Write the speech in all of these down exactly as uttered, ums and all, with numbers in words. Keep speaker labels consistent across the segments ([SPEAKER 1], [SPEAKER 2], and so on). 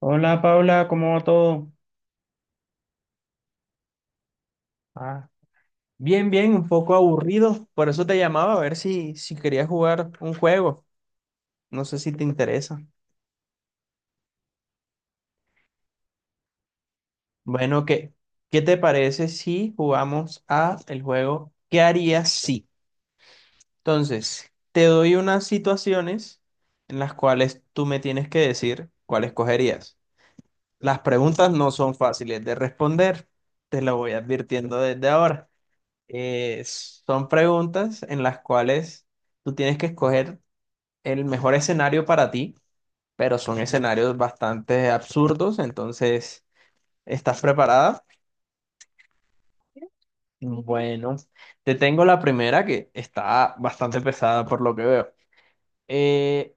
[SPEAKER 1] Hola Paula, ¿cómo va todo? Ah, bien, bien, un poco aburrido. Por eso te llamaba a ver si, si querías jugar un juego. No sé si te interesa. Bueno, ¿qué, qué te parece si jugamos a el juego ¿Qué harías si? Entonces, te doy unas situaciones en las cuales tú me tienes que decir cuál escogerías. Las preguntas no son fáciles de responder. Te lo voy advirtiendo desde ahora. Eh, son preguntas en las cuales tú tienes que escoger el mejor escenario para ti, pero son escenarios bastante absurdos, entonces, ¿estás preparada? Bueno, te tengo la primera que está bastante pesada por lo que veo. Eh,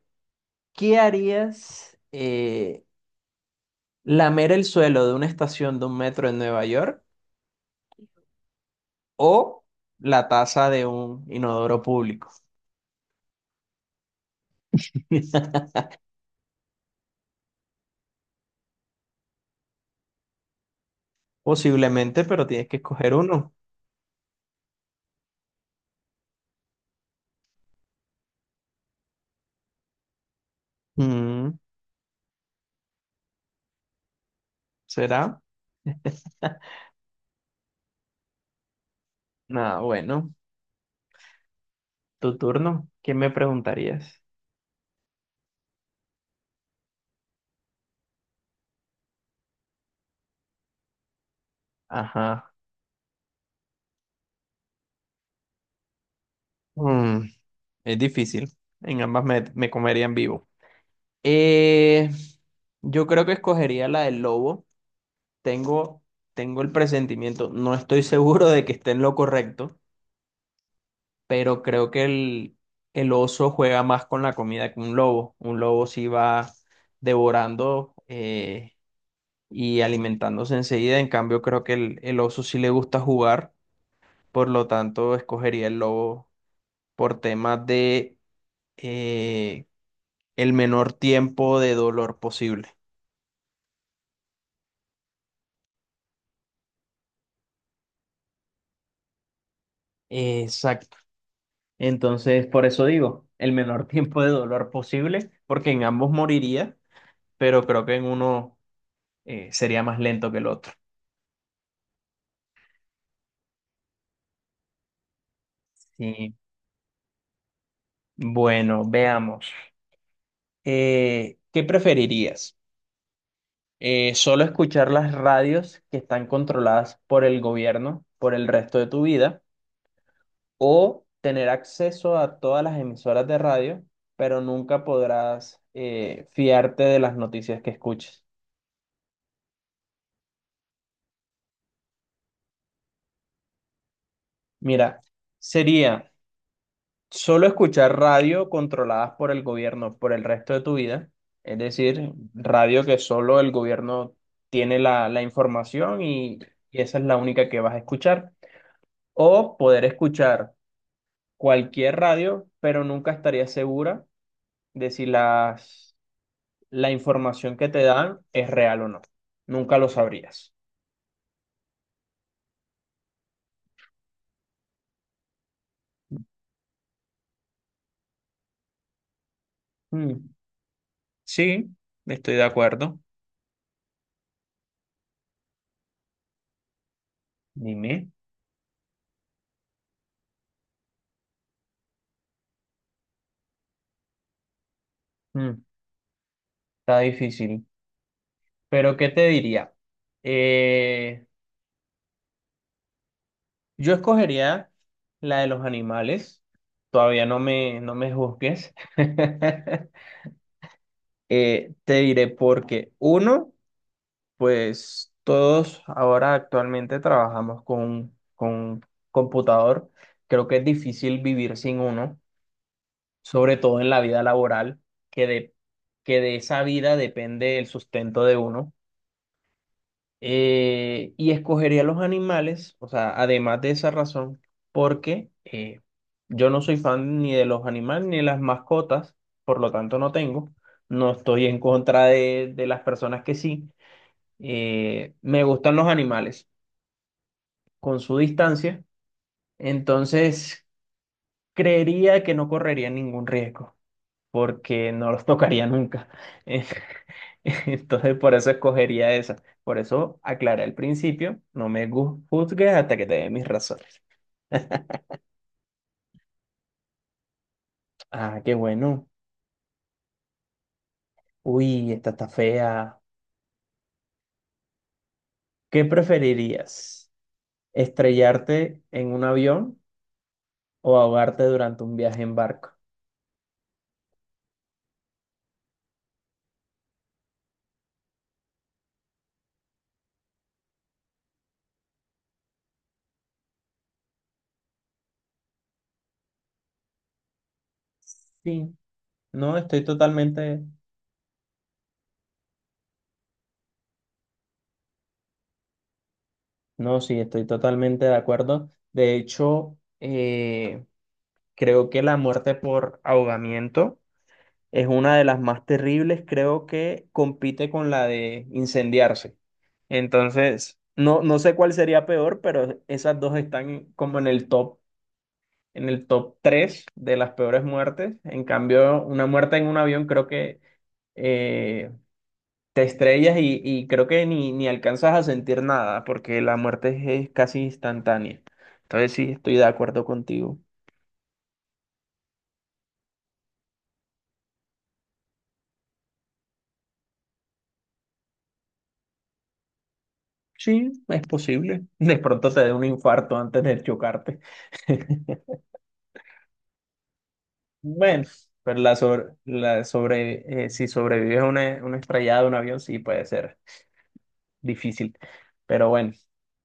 [SPEAKER 1] ¿Qué harías? Eh, ¿lamer el suelo de una estación de un metro en Nueva York o la taza de un inodoro público? Posiblemente, pero tienes que escoger uno. Mm. ¿Será? Nada, bueno, tu turno. ¿Qué me preguntarías? Ajá. Mm, es difícil. En ambas me, me comerían vivo. Eh, yo creo que escogería la del lobo. Tengo, tengo el presentimiento. No estoy seguro de que esté en lo correcto, pero creo que el, el oso juega más con la comida que un lobo. Un lobo sí va devorando eh, y alimentándose enseguida. En cambio, creo que el, el oso sí le gusta jugar. Por lo tanto, escogería el lobo por temas de eh, el menor tiempo de dolor posible. Exacto. Entonces, por eso digo, el menor tiempo de dolor posible, porque en ambos moriría, pero creo que en uno eh, sería más lento que el otro. Sí. Bueno, veamos. Eh, ¿qué preferirías? Eh, ¿solo escuchar las radios que están controladas por el gobierno por el resto de tu vida, o tener acceso a todas las emisoras de radio, pero nunca podrás eh, fiarte de las noticias que escuches? Mira, sería solo escuchar radio controladas por el gobierno por el resto de tu vida, es decir, radio que solo el gobierno tiene la, la información, y, y esa es la única que vas a escuchar, o poder escuchar cualquier radio, pero nunca estarías segura de si las la información que te dan es real o no. Nunca lo sabrías. Mm, sí, estoy de acuerdo. Dime. Mm, Está difícil. Pero ¿qué te diría? Eh, yo escogería la de los animales. Todavía no me, no me juzgues. Eh, te diré porque uno, pues todos ahora actualmente trabajamos con, con computador. Creo que es difícil vivir sin uno. Sobre todo en la vida laboral, que de, que de esa vida depende el sustento de uno. Eh, y escogería los animales, o sea, además de esa razón, porque eh, yo no soy fan ni de los animales ni de las mascotas, por lo tanto no tengo, no estoy en contra de, de las personas que sí. Eh, me gustan los animales con su distancia, entonces creería que no correría ningún riesgo, porque no los tocaría nunca. Entonces, por eso escogería esa. Por eso aclaré al principio, no me gu- juzgues hasta que te dé mis razones. Ah, qué bueno. Uy, esta está fea. ¿Qué preferirías? ¿Estrellarte en un avión o ahogarte durante un viaje en barco? Sí, no, estoy totalmente, no, sí, estoy totalmente de acuerdo. De hecho, eh, creo que la muerte por ahogamiento es una de las más terribles. Creo que compite con la de incendiarse. Entonces, no, no sé cuál sería peor, pero esas dos están como en el top, en el top tres de las peores muertes. En cambio, una muerte en un avión creo que eh, te estrellas, y, y creo que ni, ni alcanzas a sentir nada, porque la muerte es, es casi instantánea. Entonces, sí, estoy de acuerdo contigo. Sí, es posible. De pronto te dé un infarto antes de chocarte. Bueno, pero la sobre, la sobre, eh, si sobrevives a una, una estrellada de un avión, sí puede ser difícil. Pero bueno,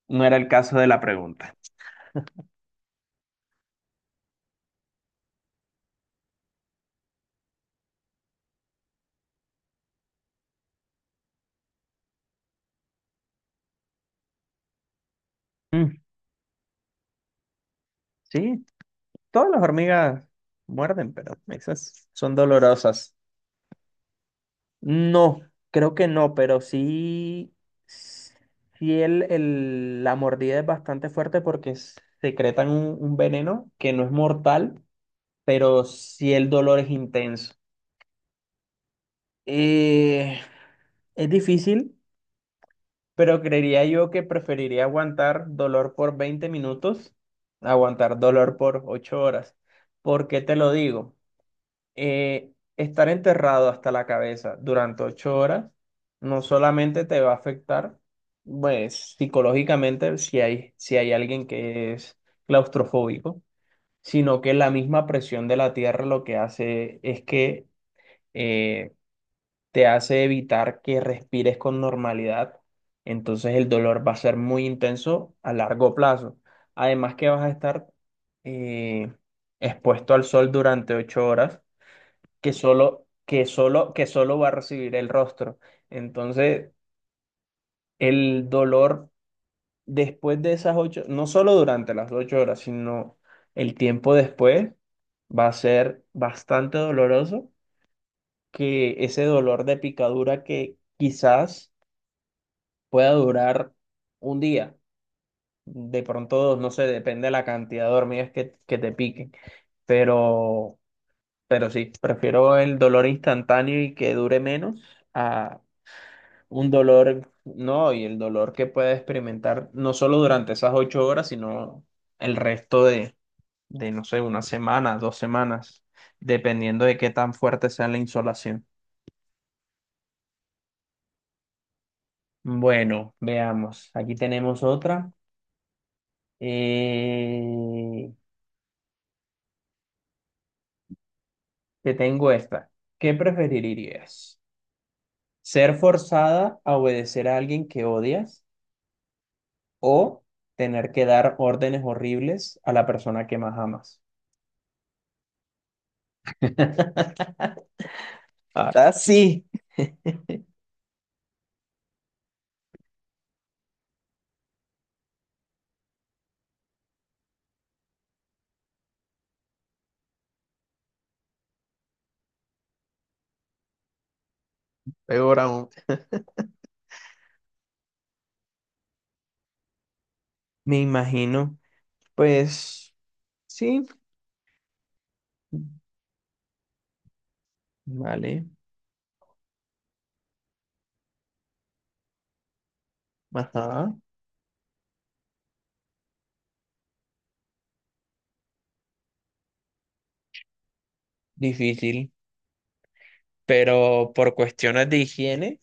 [SPEAKER 1] no era el caso de la pregunta. Mm, sí, todas las hormigas muerden, pero esas son dolorosas. No, creo que no, pero sí, sí el, el- la mordida es bastante fuerte porque s- secretan un, un veneno que no es mortal, pero sí el dolor es intenso. Eh, es difícil. Pero creería yo que preferiría aguantar dolor por veinte minutos, a aguantar dolor por ocho horas. ¿Por qué te lo digo? Eh, Estar enterrado hasta la cabeza durante ocho horas no solamente te va a afectar, pues, psicológicamente, si hay, si hay alguien que es claustrofóbico, sino que la misma presión de la tierra lo que hace es que eh, te hace evitar que respires con normalidad. Entonces el dolor va a ser muy intenso a largo plazo. Además que vas a estar eh, expuesto al sol durante ocho horas, que solo, que solo, que solo va a recibir el rostro. Entonces, el dolor después de esas ocho, no solo durante las ocho horas, sino el tiempo después, va a ser bastante doloroso. Que ese dolor de picadura que quizás pueda durar un día. De pronto, dos, no sé, depende de la cantidad de hormigas que, que te piquen. Pero, pero sí, prefiero el dolor instantáneo y que dure menos, a un dolor, no, y el dolor que pueda experimentar no solo durante esas ocho horas, sino el resto de, de, no sé, una semana, dos semanas, dependiendo de qué tan fuerte sea la insolación. Bueno, veamos. Aquí tenemos otra. Eh, Te tengo esta. ¿Qué preferirías? ¿Ser forzada a obedecer a alguien que odias o tener que dar órdenes horribles a la persona que más amas? Ahora sí. Peor aún. Me imagino. Pues sí, vale. Ajá, difícil. Pero por cuestiones de higiene.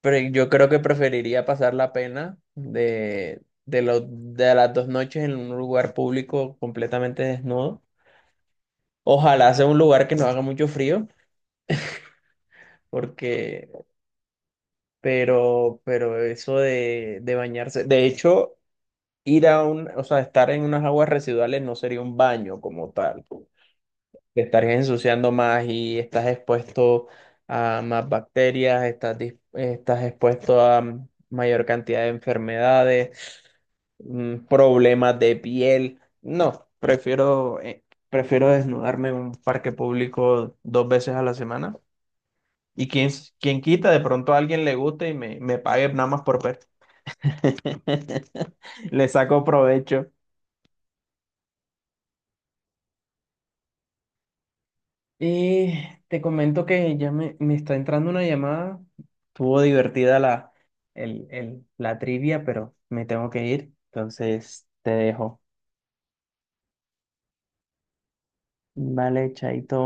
[SPEAKER 1] Pero yo creo que preferiría pasar la pena de, de, lo- de las dos noches en un lugar público completamente desnudo. Ojalá sea un lugar que no haga mucho frío, porque, pero, pero eso de, de bañarse, de hecho, ir a un, o sea, estar en unas aguas residuales no sería un baño como tal. Te estarías ensuciando más y estás expuesto a más bacterias. Estás, dis- estás expuesto a mayor cantidad de enfermedades, mm, problemas de piel. No, prefiero, eh, prefiero desnudarme en un parque público dos veces a la semana. Y quien, quién quita, de pronto a alguien le guste y me, me pague nada más por ver. Le saco provecho. Y te comento que ya me, me está entrando una llamada. Estuvo divertida la, el, el- la trivia, pero me tengo que ir. Entonces te dejo. Vale, chaito.